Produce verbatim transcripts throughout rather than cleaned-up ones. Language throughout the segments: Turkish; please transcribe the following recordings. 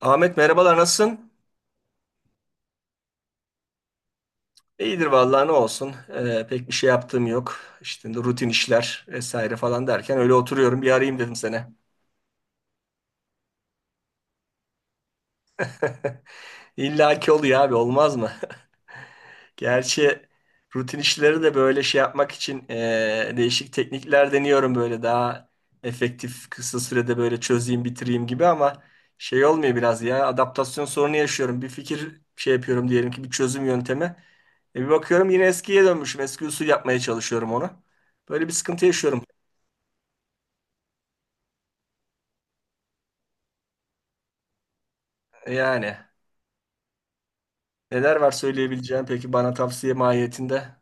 Ahmet merhabalar nasılsın? İyidir vallahi ne olsun. Ee, pek bir şey yaptığım yok. İşte rutin işler vesaire falan derken öyle oturuyorum. Bir arayayım dedim sana. İlla ki oluyor abi, olmaz mı? Gerçi rutin işleri de böyle şey yapmak için eee, değişik teknikler deniyorum, böyle daha efektif kısa sürede böyle çözeyim bitireyim gibi, ama şey olmuyor biraz ya, adaptasyon sorunu yaşıyorum. Bir fikir şey yapıyorum diyelim ki, bir çözüm yöntemi. E bir bakıyorum yine eskiye dönmüşüm. Eski usul yapmaya çalışıyorum onu. Böyle bir sıkıntı yaşıyorum. E, Yani neler var söyleyebileceğim peki bana tavsiye mahiyetinde?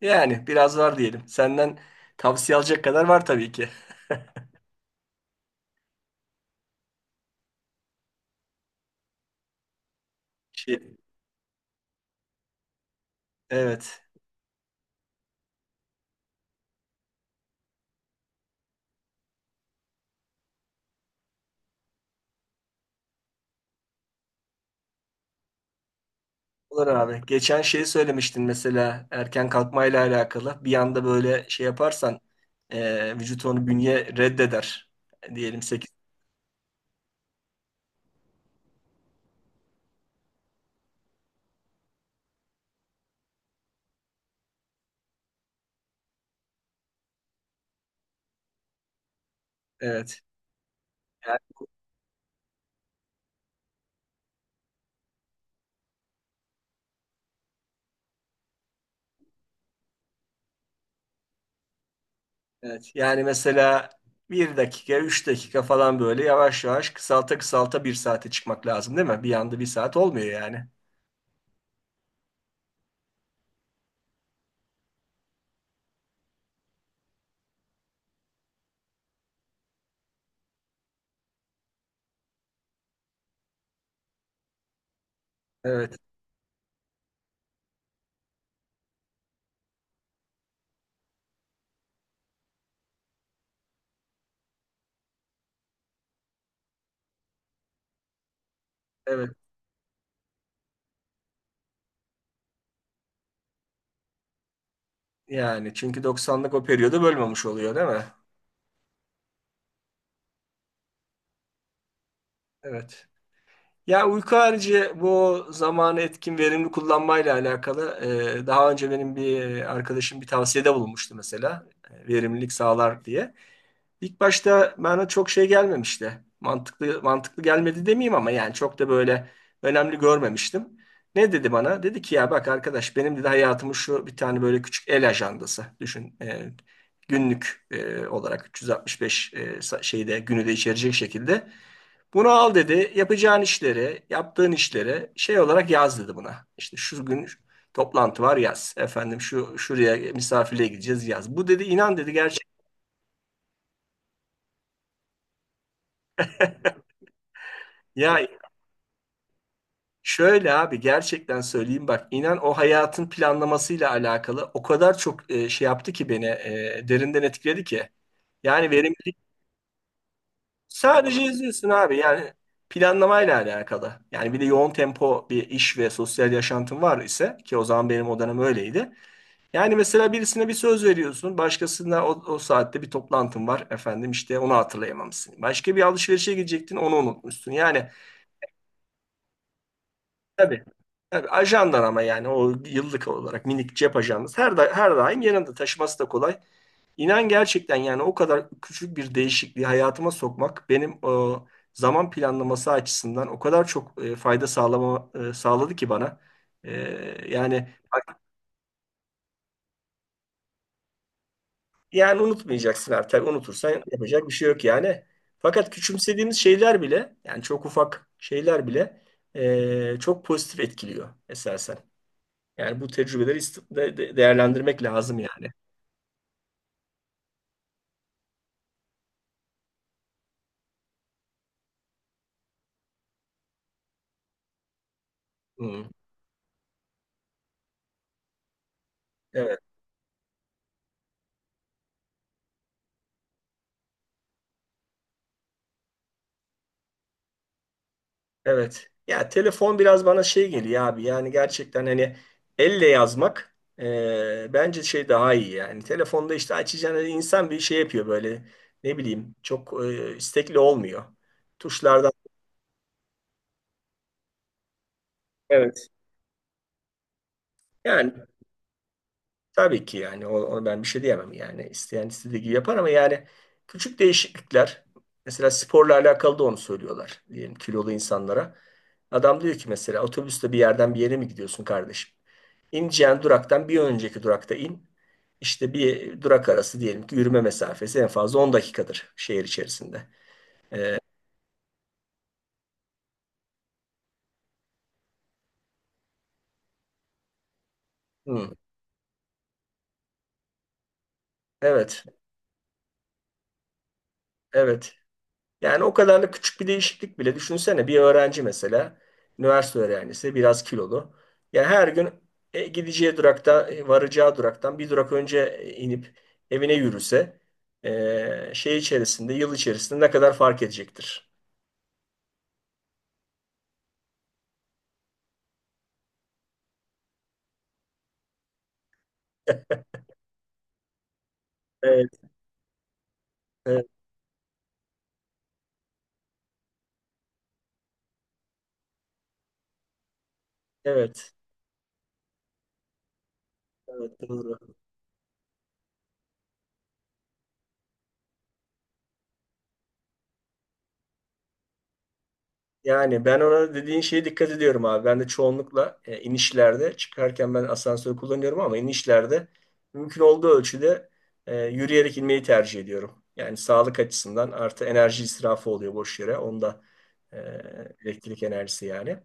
Yani biraz var diyelim. Senden tavsiye alacak kadar var tabii ki. Şey, evet. Olur abi. Geçen şeyi söylemiştin mesela erken kalkmayla alakalı. Bir anda böyle şey yaparsan e, vücut onu, bünye reddeder. Diyelim sekiz. Evet. Yani, evet. Yani mesela bir dakika üç dakika falan böyle yavaş yavaş kısalta kısalta bir saate çıkmak lazım değil mi? Bir anda bir saat olmuyor yani. Evet. Evet. Yani çünkü doksanlık o periyodu bölmemiş oluyor değil mi? Evet. Ya uyku harici bu zamanı etkin verimli kullanmayla alakalı e, daha önce benim bir arkadaşım bir tavsiyede bulunmuştu mesela, e, verimlilik sağlar diye. İlk başta bana çok şey gelmemişti. Mantıklı mantıklı gelmedi demeyeyim ama yani çok da böyle önemli görmemiştim. Ne dedi bana? Dedi ki ya bak arkadaş, benim dedi hayatımın şu bir tane böyle küçük el ajandası düşün. E, günlük e, olarak üç yüz altmış beş e, sa- şeyde günü de içerecek şekilde bunu al dedi. Yapacağın işleri, yaptığın işleri şey olarak yaz dedi buna. İşte şu gün toplantı var, yaz. Efendim şu şuraya misafirliğe gideceğiz, yaz. Bu dedi inan dedi gerçek. Ya şöyle abi gerçekten söyleyeyim, bak inan, o hayatın planlamasıyla alakalı o kadar çok e, şey yaptı ki beni, e, derinden etkiledi ki. Yani verimlilik sadece yazıyorsun abi, yani planlamayla alakalı. Yani bir de yoğun tempo bir iş ve sosyal yaşantın var ise, ki o zaman benim o dönem öyleydi. Yani mesela birisine bir söz veriyorsun, başkasına o, o saatte bir toplantın var, efendim işte onu hatırlayamamışsın. Başka bir alışverişe gidecektin, onu unutmuşsun. Yani tabii, tabii ajandan ama yani o yıllık olarak minik cep ajandası, her, da, her daim yanında taşıması da kolay. İnan gerçekten yani o kadar küçük bir değişikliği hayatıma sokmak benim o zaman planlaması açısından o kadar çok e, fayda sağlama, e, sağladı ki bana. E, yani Yani unutmayacaksın artık. Unutursan yapacak bir şey yok yani. Fakat küçümsediğimiz şeyler bile, yani çok ufak şeyler bile eee, çok pozitif etkiliyor esasen. Yani bu tecrübeleri ist- de- de- değerlendirmek lazım yani. Hmm, evet, evet. Ya telefon biraz bana şey geliyor abi. Yani gerçekten hani elle yazmak eee, bence şey daha iyi yani. Telefonda işte açacağına insan bir şey yapıyor, böyle ne bileyim çok eee, istekli olmuyor. Tuşlardan. Evet. Yani tabii ki yani o- ona ben bir şey diyemem yani, isteyen istediği gibi yapar ama yani küçük değişiklikler, mesela sporla alakalı da onu söylüyorlar diyelim kilolu insanlara. Adam diyor ki mesela otobüste bir yerden bir yere mi gidiyorsun kardeşim? İneceğin duraktan bir önceki durakta in. İşte bir durak arası diyelim ki yürüme mesafesi en fazla on dakikadır şehir içerisinde. Hı, evet, evet. Yani o kadar da küçük bir değişiklik bile, düşünsene bir öğrenci mesela, üniversite öğrencisi biraz kilolu. Yani her gün e, gideceği durakta e, varacağı duraktan bir durak önce e, inip evine yürüse e, şey içerisinde yıl içerisinde ne kadar fark edecektir? Evet, evet, evet, evet, doğru. Yani ben ona, dediğin şeye dikkat ediyorum abi. Ben de çoğunlukla e, inişlerde, çıkarken ben asansör kullanıyorum ama inişlerde mümkün olduğu ölçüde e, yürüyerek inmeyi tercih ediyorum. Yani sağlık açısından, artı enerji israfı oluyor boş yere. Onda e, elektrik enerjisi yani.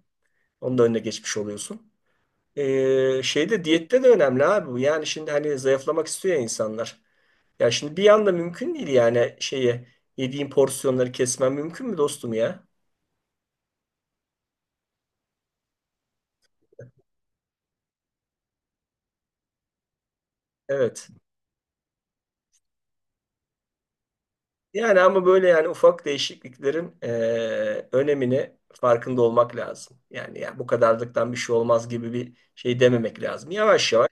Onun da önüne geçmiş oluyorsun. E, şeyde Diyette de önemli abi bu. Yani şimdi hani zayıflamak istiyor ya insanlar. Ya şimdi bir anda mümkün değil yani, şeyi yediğin porsiyonları kesmen mümkün mü dostum ya? Evet. Yani ama böyle, yani ufak değişikliklerin eee, önemini farkında olmak lazım. Yani ya bu kadarlıktan bir şey olmaz gibi bir şey dememek lazım. Yavaş yavaş.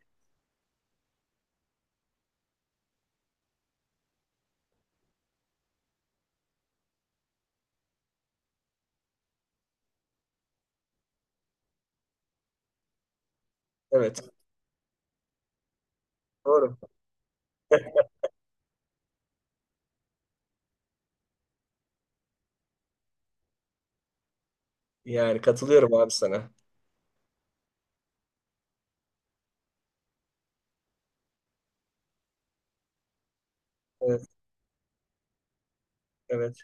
Evet. Doğru. Yani katılıyorum abi sana. Evet, evet.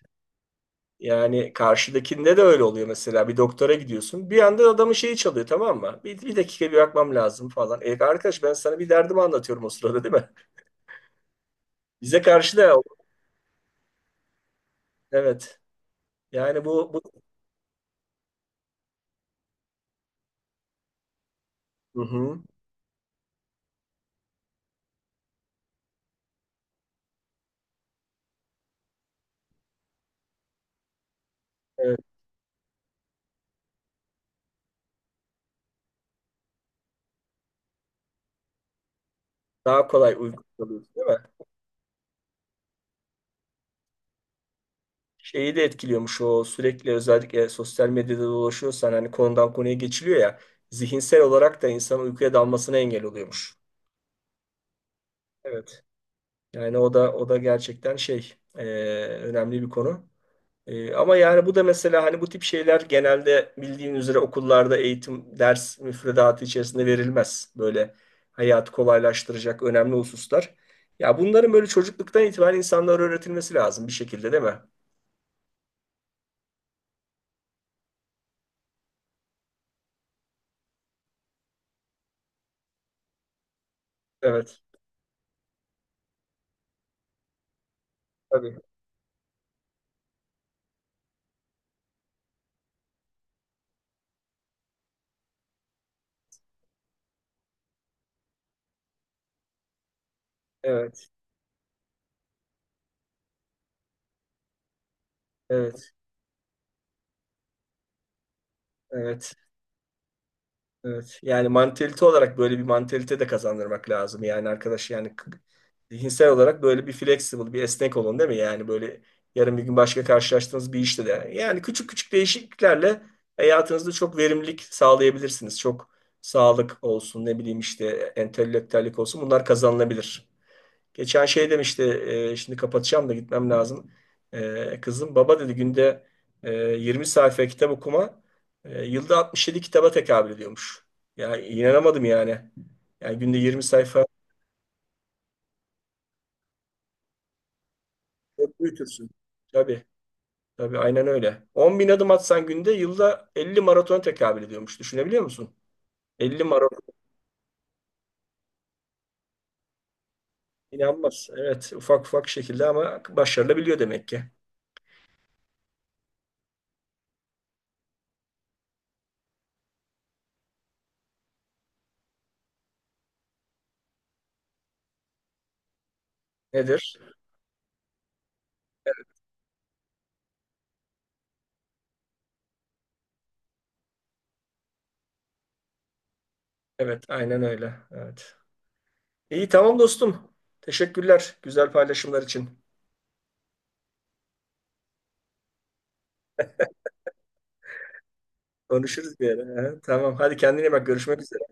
Yani karşıdakinde de öyle oluyor mesela. Bir doktora gidiyorsun. Bir anda adamın şeyi çalıyor, tamam mı? Bir, bir dakika bir bakmam lazım falan. E, arkadaş ben sana bir derdimi anlatıyorum o sırada, değil mi? Bize karşı da evet. Yani bu, bu... Hı hı. Evet. Daha kolay uygun oluyor, değil mi? Şeyi de etkiliyormuş o, sürekli özellikle sosyal medyada dolaşıyorsan hani konudan konuya geçiliyor ya, zihinsel olarak da insanın uykuya dalmasına engel oluyormuş. Evet. Yani o da o da gerçekten şey, e, önemli bir konu. E, ama yani bu da mesela, hani bu tip şeyler genelde bildiğin üzere okullarda eğitim ders müfredatı içerisinde verilmez. Böyle hayatı kolaylaştıracak önemli hususlar. Ya bunların böyle çocukluktan itibaren insanlara öğretilmesi lazım bir şekilde, değil mi? Evet. Tabii. Evet, evet, evet. Evet. Yani mantalite olarak böyle bir mantalite de kazandırmak lazım. Yani arkadaş yani k- zihinsel olarak böyle bir flexible, bir esnek olun, değil mi? Yani böyle yarın bir gün başka karşılaştığınız bir işte de, yani küçük küçük değişikliklerle hayatınızda çok verimlilik sağlayabilirsiniz. Çok, sağlık olsun, ne bileyim işte entelektüellik olsun. Bunlar kazanılabilir. Geçen şey demişti, e, şimdi kapatacağım da gitmem lazım. E, kızım baba dedi günde e, yirmi sayfa kitap okuma e, yılda altmış yedi kitaba tekabül ediyormuş. Ya inanamadım yani. Yani günde yirmi sayfa çok büyütürsün. Tabii, tabii aynen öyle. on bin adım atsan günde, yılda elli maraton tekabül ediyormuş. Düşünebiliyor musun? elli maraton. İnanmaz. Evet ufak ufak şekilde ama başarılabiliyor demek ki. Nedir? Evet aynen öyle. Evet. İyi tamam dostum. Teşekkürler güzel paylaşımlar için. Konuşuruz bir ara. He, tamam, hadi kendine iyi bak, görüşmek üzere.